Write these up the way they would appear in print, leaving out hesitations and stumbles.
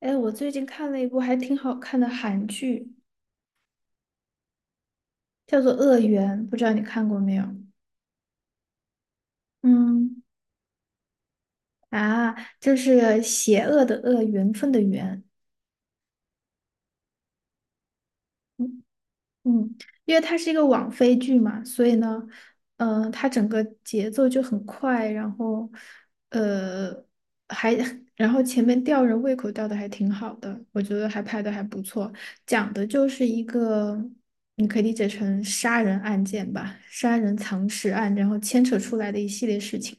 哎，我最近看了一部还挺好看的韩剧，叫做《恶缘》，不知道你看过没有？嗯，啊，就是邪恶的恶，缘分的缘。嗯，因为它是一个网飞剧嘛，所以呢，嗯、它整个节奏就很快，然后，呃，还 然后前面吊人胃口吊的还挺好的，我觉得还拍的还不错。讲的就是一个，你可以理解成杀人案件吧，杀人藏尸案，然后牵扯出来的一系列事情。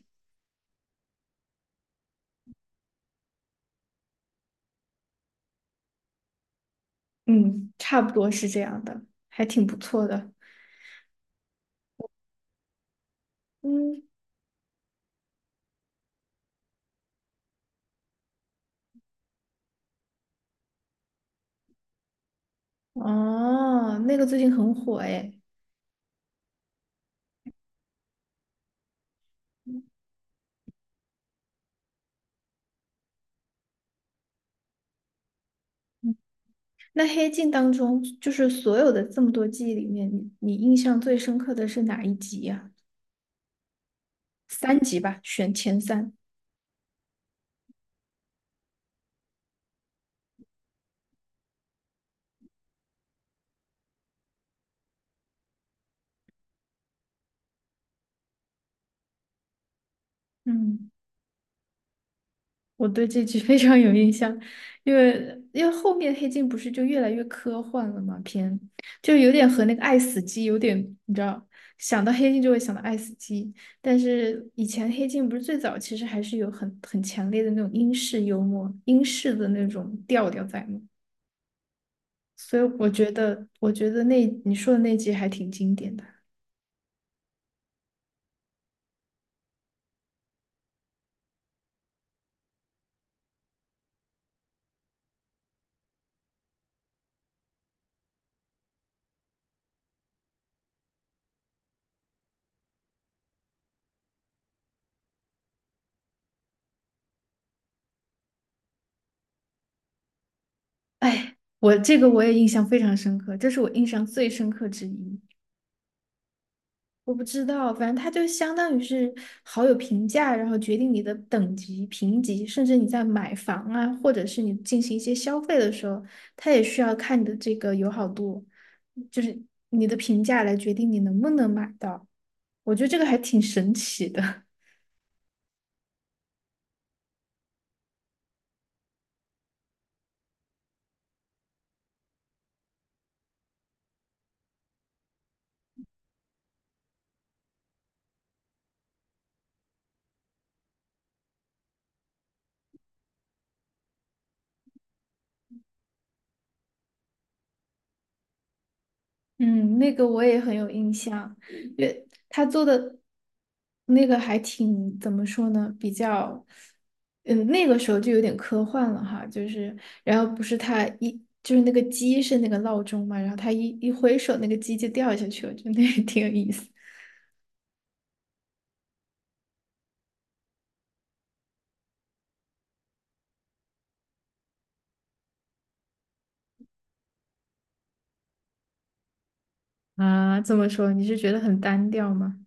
嗯，差不多是这样的，还挺不错的。嗯，哦，那个最近很火诶。嗯，那《黑镜》当中，就是所有的这么多记忆里面，你印象最深刻的是哪一集呀、嗯，我对这集 非常有印象，因为后面《黑镜》不是就越来越科幻了嘛，偏就有点和那个《爱死机》有点，你知道，想到《黑镜》就会想到《爱死机》，但是以前《黑镜》不是最早其实还是有很强烈的那种英式幽默、英式的那种调调在嘛，所以我觉得那你说的那集还挺经典的。哎，我这个我也印象非常深刻，这是我印象最深刻之一。我不知道，反正它就相当于是好友评价，然后决定你的等级、评级，甚至你在买房啊，或者是你进行一些消费的时候，它也需要看你的这个友好度，就是你的评价来决定你能不能买到。我觉得这个还挺神奇的。嗯，那个我也很有印象，因为他做的那个还挺，怎么说呢，比较，嗯，那个时候就有点科幻了哈，就是，然后不是他一，就是那个鸡是那个闹钟嘛，然后他一挥手，那个鸡就掉下去了，就那个 挺有意思。啊，这么说你是觉得很单调吗？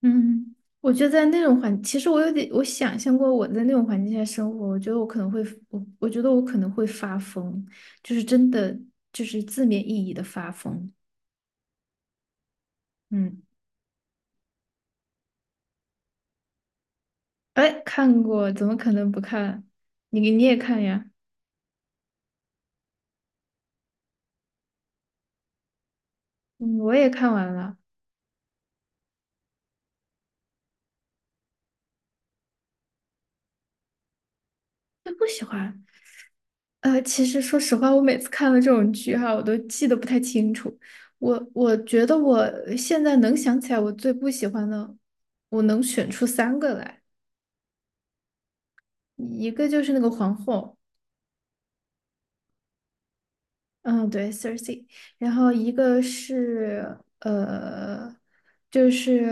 嗯，我觉得在那种环，其实我有点，我想象过我在那种环境下生活，我觉得我可能会，我觉得我可能会发疯，就是真的，就是字面意义的发疯。嗯，哎，看过，怎么可能不看？你也看呀？嗯，我也看完了，就不喜欢。呃，其实说实话，我每次看了这种剧哈，我都记得不太清楚。我觉得我现在能想起来，我最不喜欢的，我能选出三个来。一个就是那个皇后，嗯，对，Cersei，然后一个是就是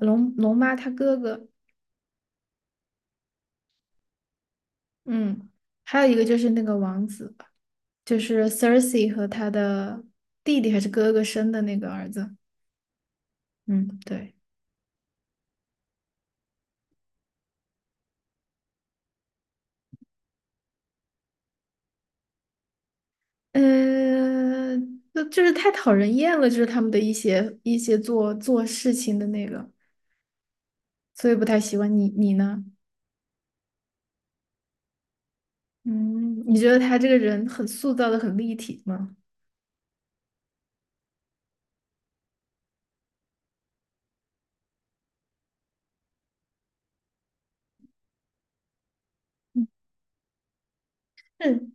龙妈她哥哥，嗯，还有一个就是那个王子，就是 Cersei 和她的弟弟还是哥哥生的那个儿子，嗯，对，就是太讨人厌了，就是他们的一些做事情的那个，所以不太喜欢你，你呢？嗯，你觉得他这个人很塑造的很立体吗？嗯，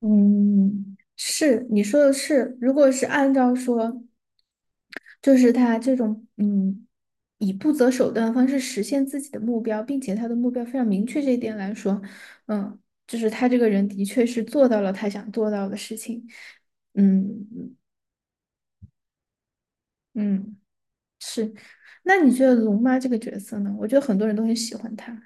嗯，是你说的是，如果是按照说，就是他这种嗯，以不择手段的方式实现自己的目标，并且他的目标非常明确这一点来说，嗯，就是他这个人的确是做到了他想做到的事情，嗯，嗯，是。那你觉得龙妈这个角色呢？我觉得很多人都很喜欢她。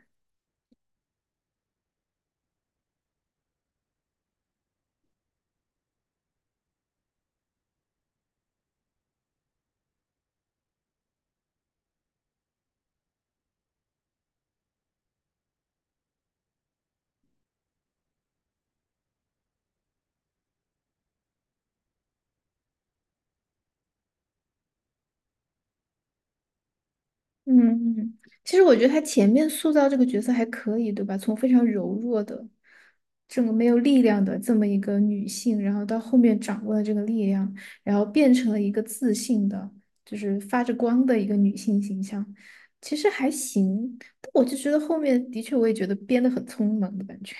嗯，嗯，其实我觉得他前面塑造这个角色还可以，对吧？从非常柔弱的、这个没有力量的这么一个女性，然后到后面掌握了这个力量，然后变成了一个自信的，就是发着光的一个女性形象，其实还行。但我就觉得后面的确，我也觉得编得很匆忙的感觉，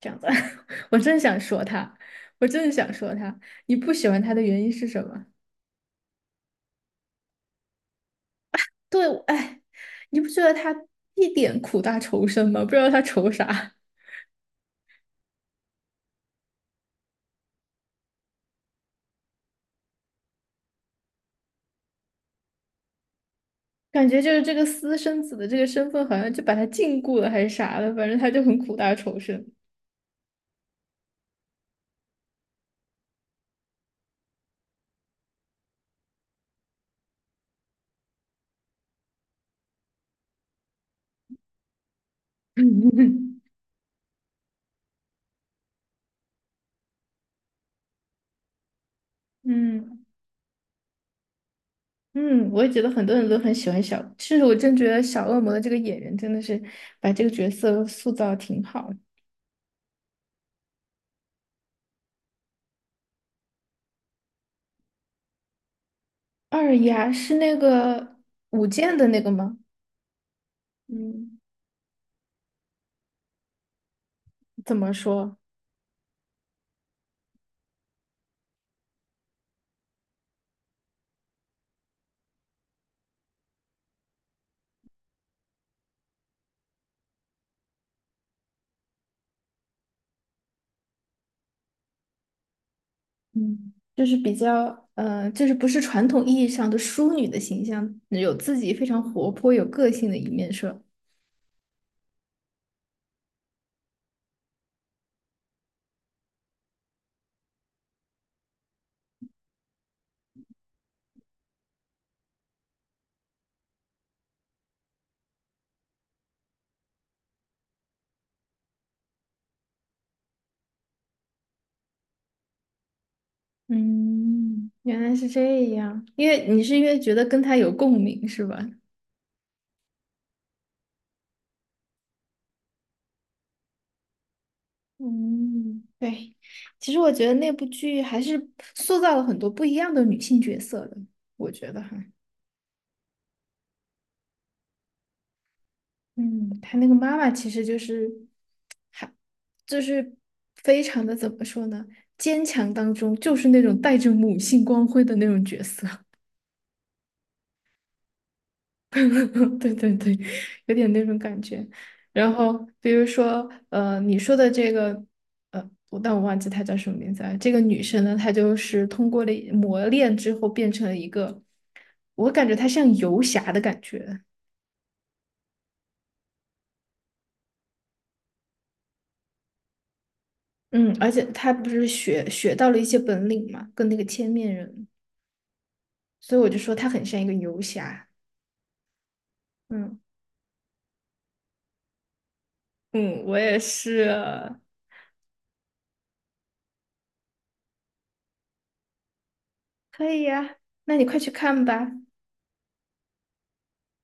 这样子。我真想说他，我真的想说他，你不喜欢他的原因是什么？对，哎，你不觉得他一点苦大仇深吗？不知道他仇啥，感觉就是这个私生子的这个身份好像就把他禁锢了还是啥的，反正他就很苦大仇深。嗯，嗯，嗯，我也觉得很多人都很喜欢小，其实我真觉得小恶魔的这个演员真的是把这个角色塑造得挺好的。二丫是那个舞剑的那个吗？嗯，怎么说？嗯，就是比较，就是不是传统意义上的淑女的形象，有自己非常活泼、有个性的一面，是吧？嗯，原来是这样，因为你是因为觉得跟他有共鸣，是吧？嗯，对。其实我觉得那部剧还是塑造了很多不一样的女性角色的，我觉得哈。嗯，他那个妈妈其实就是，还就是非常的怎么说呢？坚强当中就是那种带着母性光辉的那种角色，对对对，有点那种感觉。然后比如说，你说的这个，我但我忘记她叫什么名字了。这个女生呢，她就是通过了磨练之后变成了一个，我感觉她像游侠的感觉。嗯，而且她不是学到了一些本领嘛，跟那个千面人。所以我就说他很像一个游侠。嗯，嗯，我也是。可以呀，那你快去看吧。